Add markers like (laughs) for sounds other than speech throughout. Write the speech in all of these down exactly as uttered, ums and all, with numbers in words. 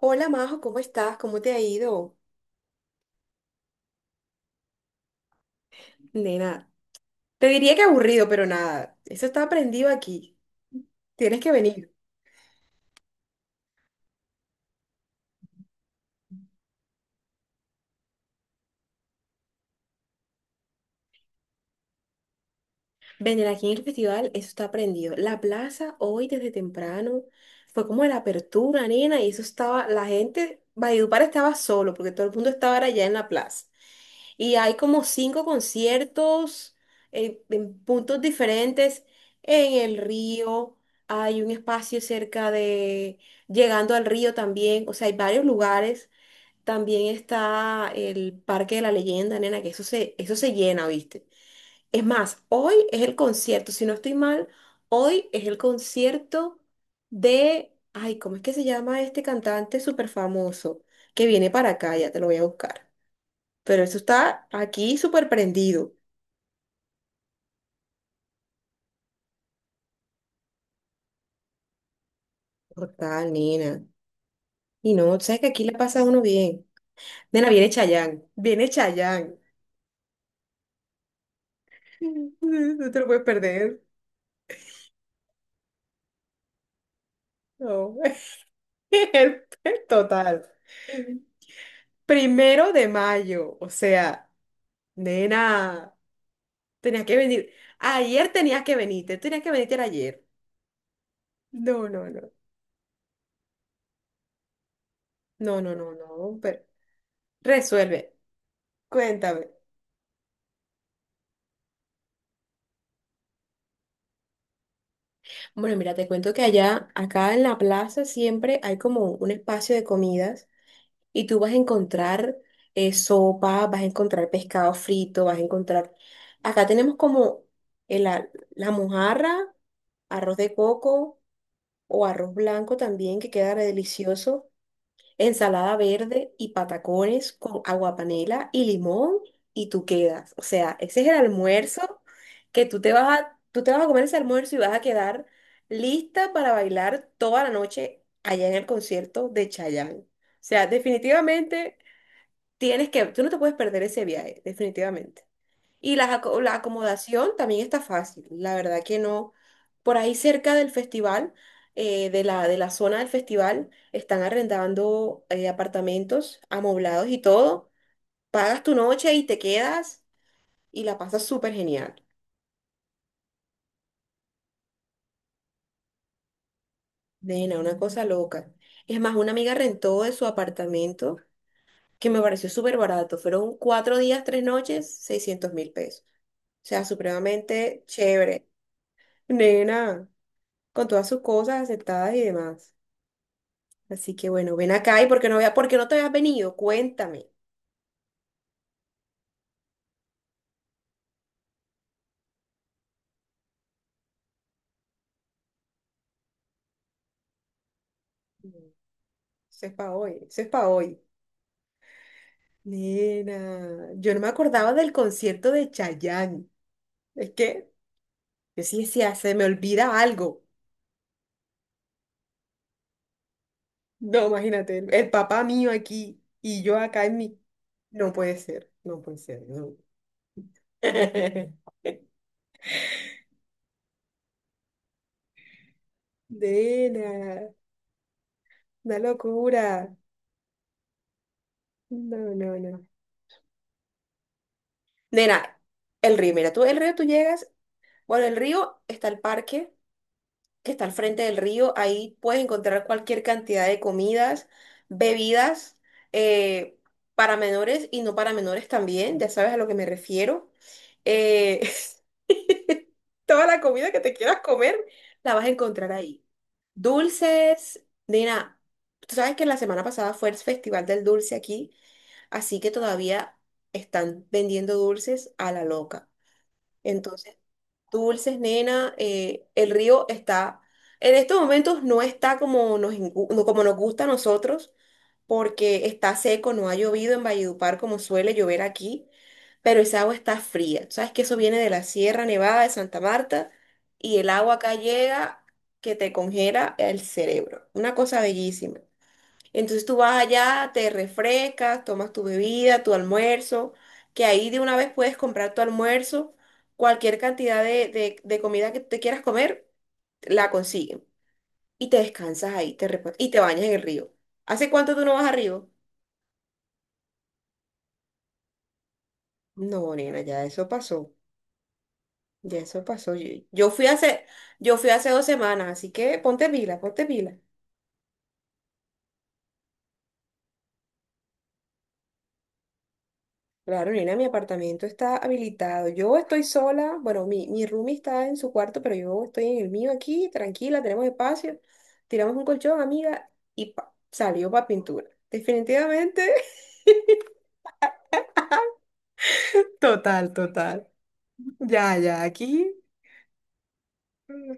Hola Majo, ¿cómo estás? ¿Cómo te ha ido? Nena, te diría que aburrido, pero nada, eso está prendido aquí. Tienes que venir. Venir aquí en el festival, eso está prendido. La plaza hoy desde temprano fue como la apertura, nena, y eso estaba, la gente, Valledupar estaba solo, porque todo el mundo estaba allá en la plaza. Y hay como cinco conciertos eh, en puntos diferentes, en el río, hay un espacio cerca de, llegando al río también, o sea, hay varios lugares. También está el Parque de la Leyenda, nena, que eso se, eso se llena, ¿viste? Es más, hoy es el concierto, si no estoy mal, hoy es el concierto de, ay, ¿cómo es que se llama este cantante súper famoso que viene para acá? Ya te lo voy a buscar. Pero eso está aquí súper prendido. Total, nena. Y no, sabes que aquí la pasa uno bien. Nena, viene Chayanne, viene Chayanne. (laughs) No te lo puedes perder. No, (laughs) el total. Primero de mayo, o sea, nena, tenías que venir. Ayer tenías que venirte, tenías que venirte ayer. No, no, no, no, no, no, no, pero resuelve, cuéntame. Bueno, mira, te cuento que allá, acá en la plaza siempre hay como un espacio de comidas y tú vas a encontrar eh, sopa, vas a encontrar pescado frito, vas a encontrar... Acá tenemos como el a- la mojarra, arroz de coco o arroz blanco también, que queda re delicioso, ensalada verde y patacones con aguapanela y limón y tú quedas. O sea, ese es el almuerzo que tú te vas a, tú te vas a comer ese almuerzo y vas a quedar lista para bailar toda la noche allá en el concierto de Chayanne. O sea, definitivamente tienes que, tú no te puedes perder ese viaje, definitivamente. Y las aco- la acomodación también está fácil, la verdad que no. Por ahí cerca del festival, eh, de la, de la zona del festival, están arrendando eh, apartamentos amoblados y todo. Pagas tu noche y te quedas y la pasas súper genial. Nena, una cosa loca. Es más, una amiga rentó de su apartamento que me pareció súper barato. Fueron cuatro días, tres noches, seiscientos mil pesos. O sea, supremamente chévere. Nena, con todas sus cosas aceptadas y demás. Así que bueno, ven acá y porque no vea, porque no te habías venido, cuéntame. Mm. Eso es para hoy, eso es para hoy. Nena, yo no me acordaba del concierto de Chayanne. Es que yo sí decía, se me olvida algo. No, imagínate, el, el papá mío aquí y yo acá en mi. No puede ser, no puede ser, no. (laughs) Nena, una locura. No, no, no. Nena, el río, mira, tú el río tú llegas, bueno, el río está el parque que está al frente del río. Ahí puedes encontrar cualquier cantidad de comidas, bebidas, eh, para menores y no para menores también, ya sabes a lo que me refiero. Eh, (laughs) toda la comida que te quieras comer la vas a encontrar ahí. Dulces, Nina, tú sabes que la semana pasada fue el Festival del Dulce aquí, así que todavía están vendiendo dulces a la loca. Entonces dulces, nena, eh, el río está, en estos momentos no está como nos, ingu- no- como nos gusta a nosotros, porque está seco, no ha llovido en Valledupar como suele llover aquí, pero esa agua está fría. Sabes que eso viene de la Sierra Nevada de Santa Marta y el agua acá llega que te congela el cerebro. Una cosa bellísima. Entonces tú vas allá, te refrescas, tomas tu bebida, tu almuerzo, que ahí de una vez puedes comprar tu almuerzo, cualquier cantidad de, de- de comida que te quieras comer, la consiguen. Y te descansas ahí, te repos- y te bañas en el río. ¿Hace cuánto tú no vas al río? No, nena, ya eso pasó. Ya eso pasó. Yo, yo fui hace, yo fui hace dos semanas, así que ponte pila, ponte pila. Claro, Nina, mi apartamento está habilitado. Yo estoy sola, bueno, mi, mi roomie está en su cuarto, pero yo estoy en el mío aquí, tranquila, tenemos espacio. Tiramos un colchón, amiga, y pa, salió para pintura. Definitivamente. (laughs) Total, total. Ya, ya, aquí. mm,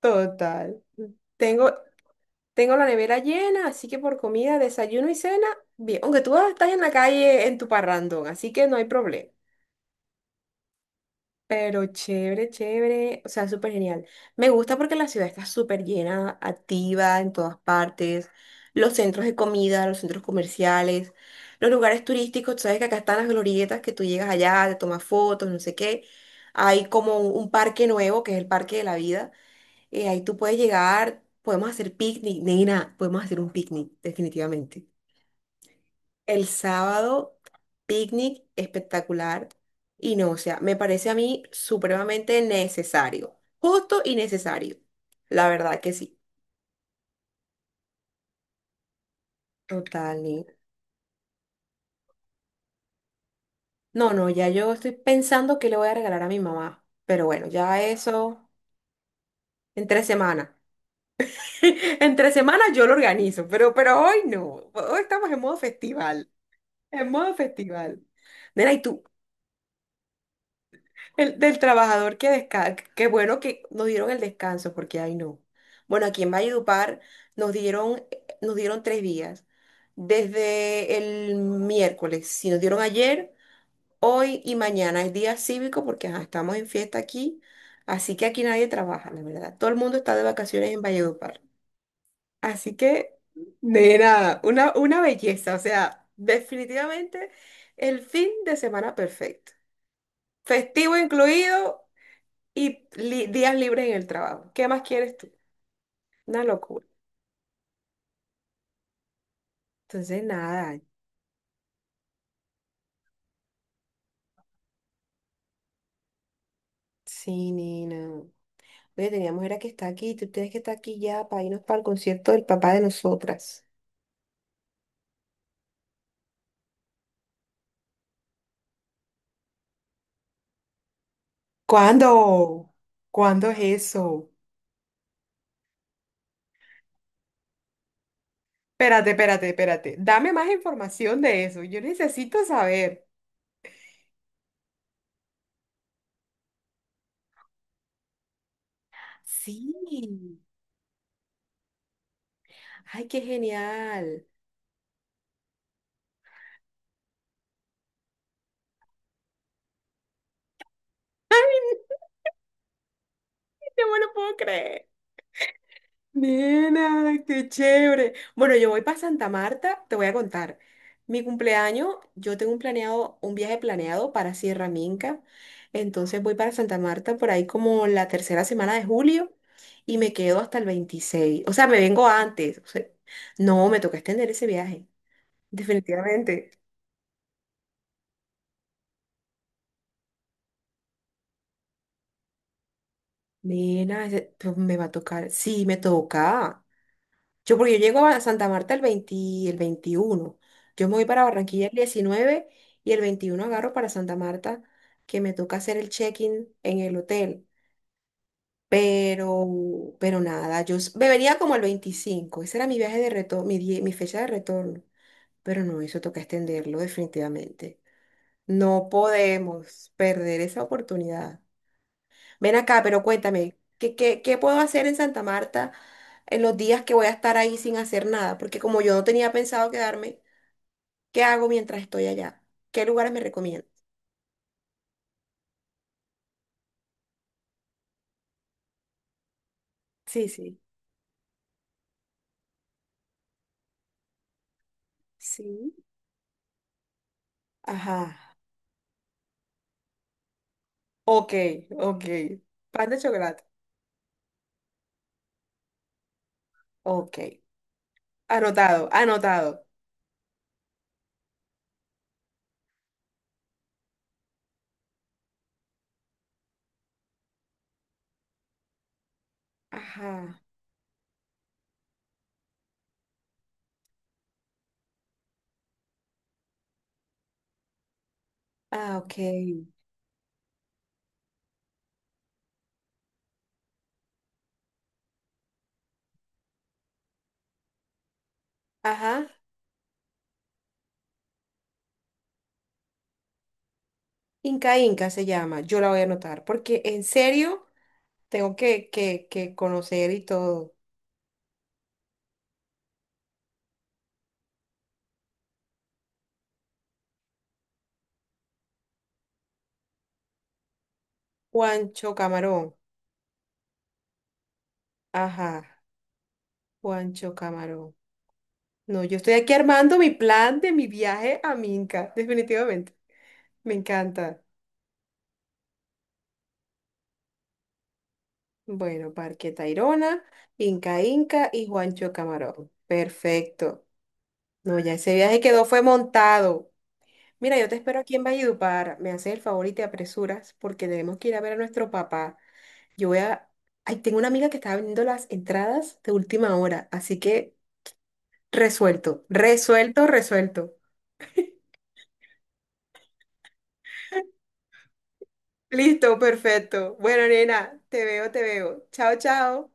Total. Tengo, tengo la nevera llena, así que por comida, desayuno y cena, bien. Aunque tú estás en la calle en tu parrandón, así que no hay problema. Pero chévere, chévere, o sea, súper genial. Me gusta porque la ciudad está súper llena, activa en todas partes. Los centros de comida, los centros comerciales, los lugares turísticos, tú sabes que acá están las glorietas, que tú llegas allá, te tomas fotos, no sé qué. Hay como un un parque nuevo, que es el Parque de la Vida. eh, ahí tú puedes llegar, podemos hacer picnic, nena, podemos hacer un picnic, definitivamente. El sábado, picnic espectacular. Y no, o sea, me parece a mí supremamente necesario. Justo y necesario. La verdad que sí. Total. ni- No, no, ya yo estoy pensando qué le voy a regalar a mi mamá. Pero bueno, ya eso en tres semanas. (laughs) En tres semanas (laughs) yo lo organizo, pero, pero hoy no. Hoy estamos en modo festival. En modo festival. Nena, ¿y tú? El, del trabajador que descansa. Qué bueno que nos dieron el descanso, porque ay no. Bueno, aquí en Valledupar nos dieron, nos dieron tres días. Desde el miércoles, si nos dieron ayer, hoy y mañana es día cívico porque ajá, estamos en fiesta aquí. Así que aquí nadie trabaja, la verdad. Todo el mundo está de vacaciones en Valledupar. Así que, nena, una, una belleza. O sea, definitivamente el fin de semana perfecto. Festivo incluido y li- días libres en el trabajo. ¿Qué más quieres tú? Una locura. Entonces, nada, sí, nena. Oye, teníamos era que está aquí, tú tienes que estar aquí ya para irnos para el concierto del papá de nosotras. ¿Cuándo? ¿Cuándo es eso? Espérate, espérate, espérate. Dame más información de eso. Yo necesito saber. Sí. Ay, qué genial. No me lo puedo creer. Nena, qué chévere. Bueno, yo voy para Santa Marta, te voy a contar. Mi cumpleaños, yo tengo un planeado, un viaje planeado para Sierra Minca. Entonces voy para Santa Marta por ahí como la tercera semana de julio y me quedo hasta el veintiséis. O sea, me vengo antes. O sea, no, me toca extender ese viaje. Definitivamente. Nena, ese- pues me va a tocar. Sí, me toca. Yo, porque yo llego a Santa Marta el veinte, el veintiuno. Yo me voy para Barranquilla el diecinueve y el veintiuno agarro para Santa Marta, que me toca hacer el check-in en el hotel. Pero, pero nada, yo s- me venía como el veinticinco. Ese era mi viaje de retorno, mi, die- mi fecha de retorno. Pero no, eso toca extenderlo definitivamente. No podemos perder esa oportunidad. Ven acá, pero cuéntame, ¿qué, qué, qué, puedo hacer en Santa Marta en los días que voy a estar ahí sin hacer nada? Porque como yo no tenía pensado quedarme, ¿qué hago mientras estoy allá? ¿Qué lugares me recomiendas? Sí, sí. Sí. Ajá. Ok, ok. Pan de chocolate. Ok. Anotado, anotado. Ajá. Ah, ok. Ajá. Inca Inca se llama. Yo la voy a anotar porque en serio tengo que, que, que conocer y todo. Juancho Camarón. Ajá. Juancho Camarón. No, yo estoy aquí armando mi plan de mi viaje a Minca, definitivamente. Me encanta. Bueno, Parque Tayrona, Inca Inca y Juancho Camarón. Perfecto. No, ya ese viaje quedó, fue montado. Mira, yo te espero aquí en Valledupar. Me haces el favor y te apresuras porque tenemos que ir a ver a nuestro papá. Yo voy a... Ay, tengo una amiga que está vendiendo las entradas de última hora, así que resuelto, resuelto, resuelto. Listo, perfecto. Bueno, nena, te veo, te veo. Chao, chao.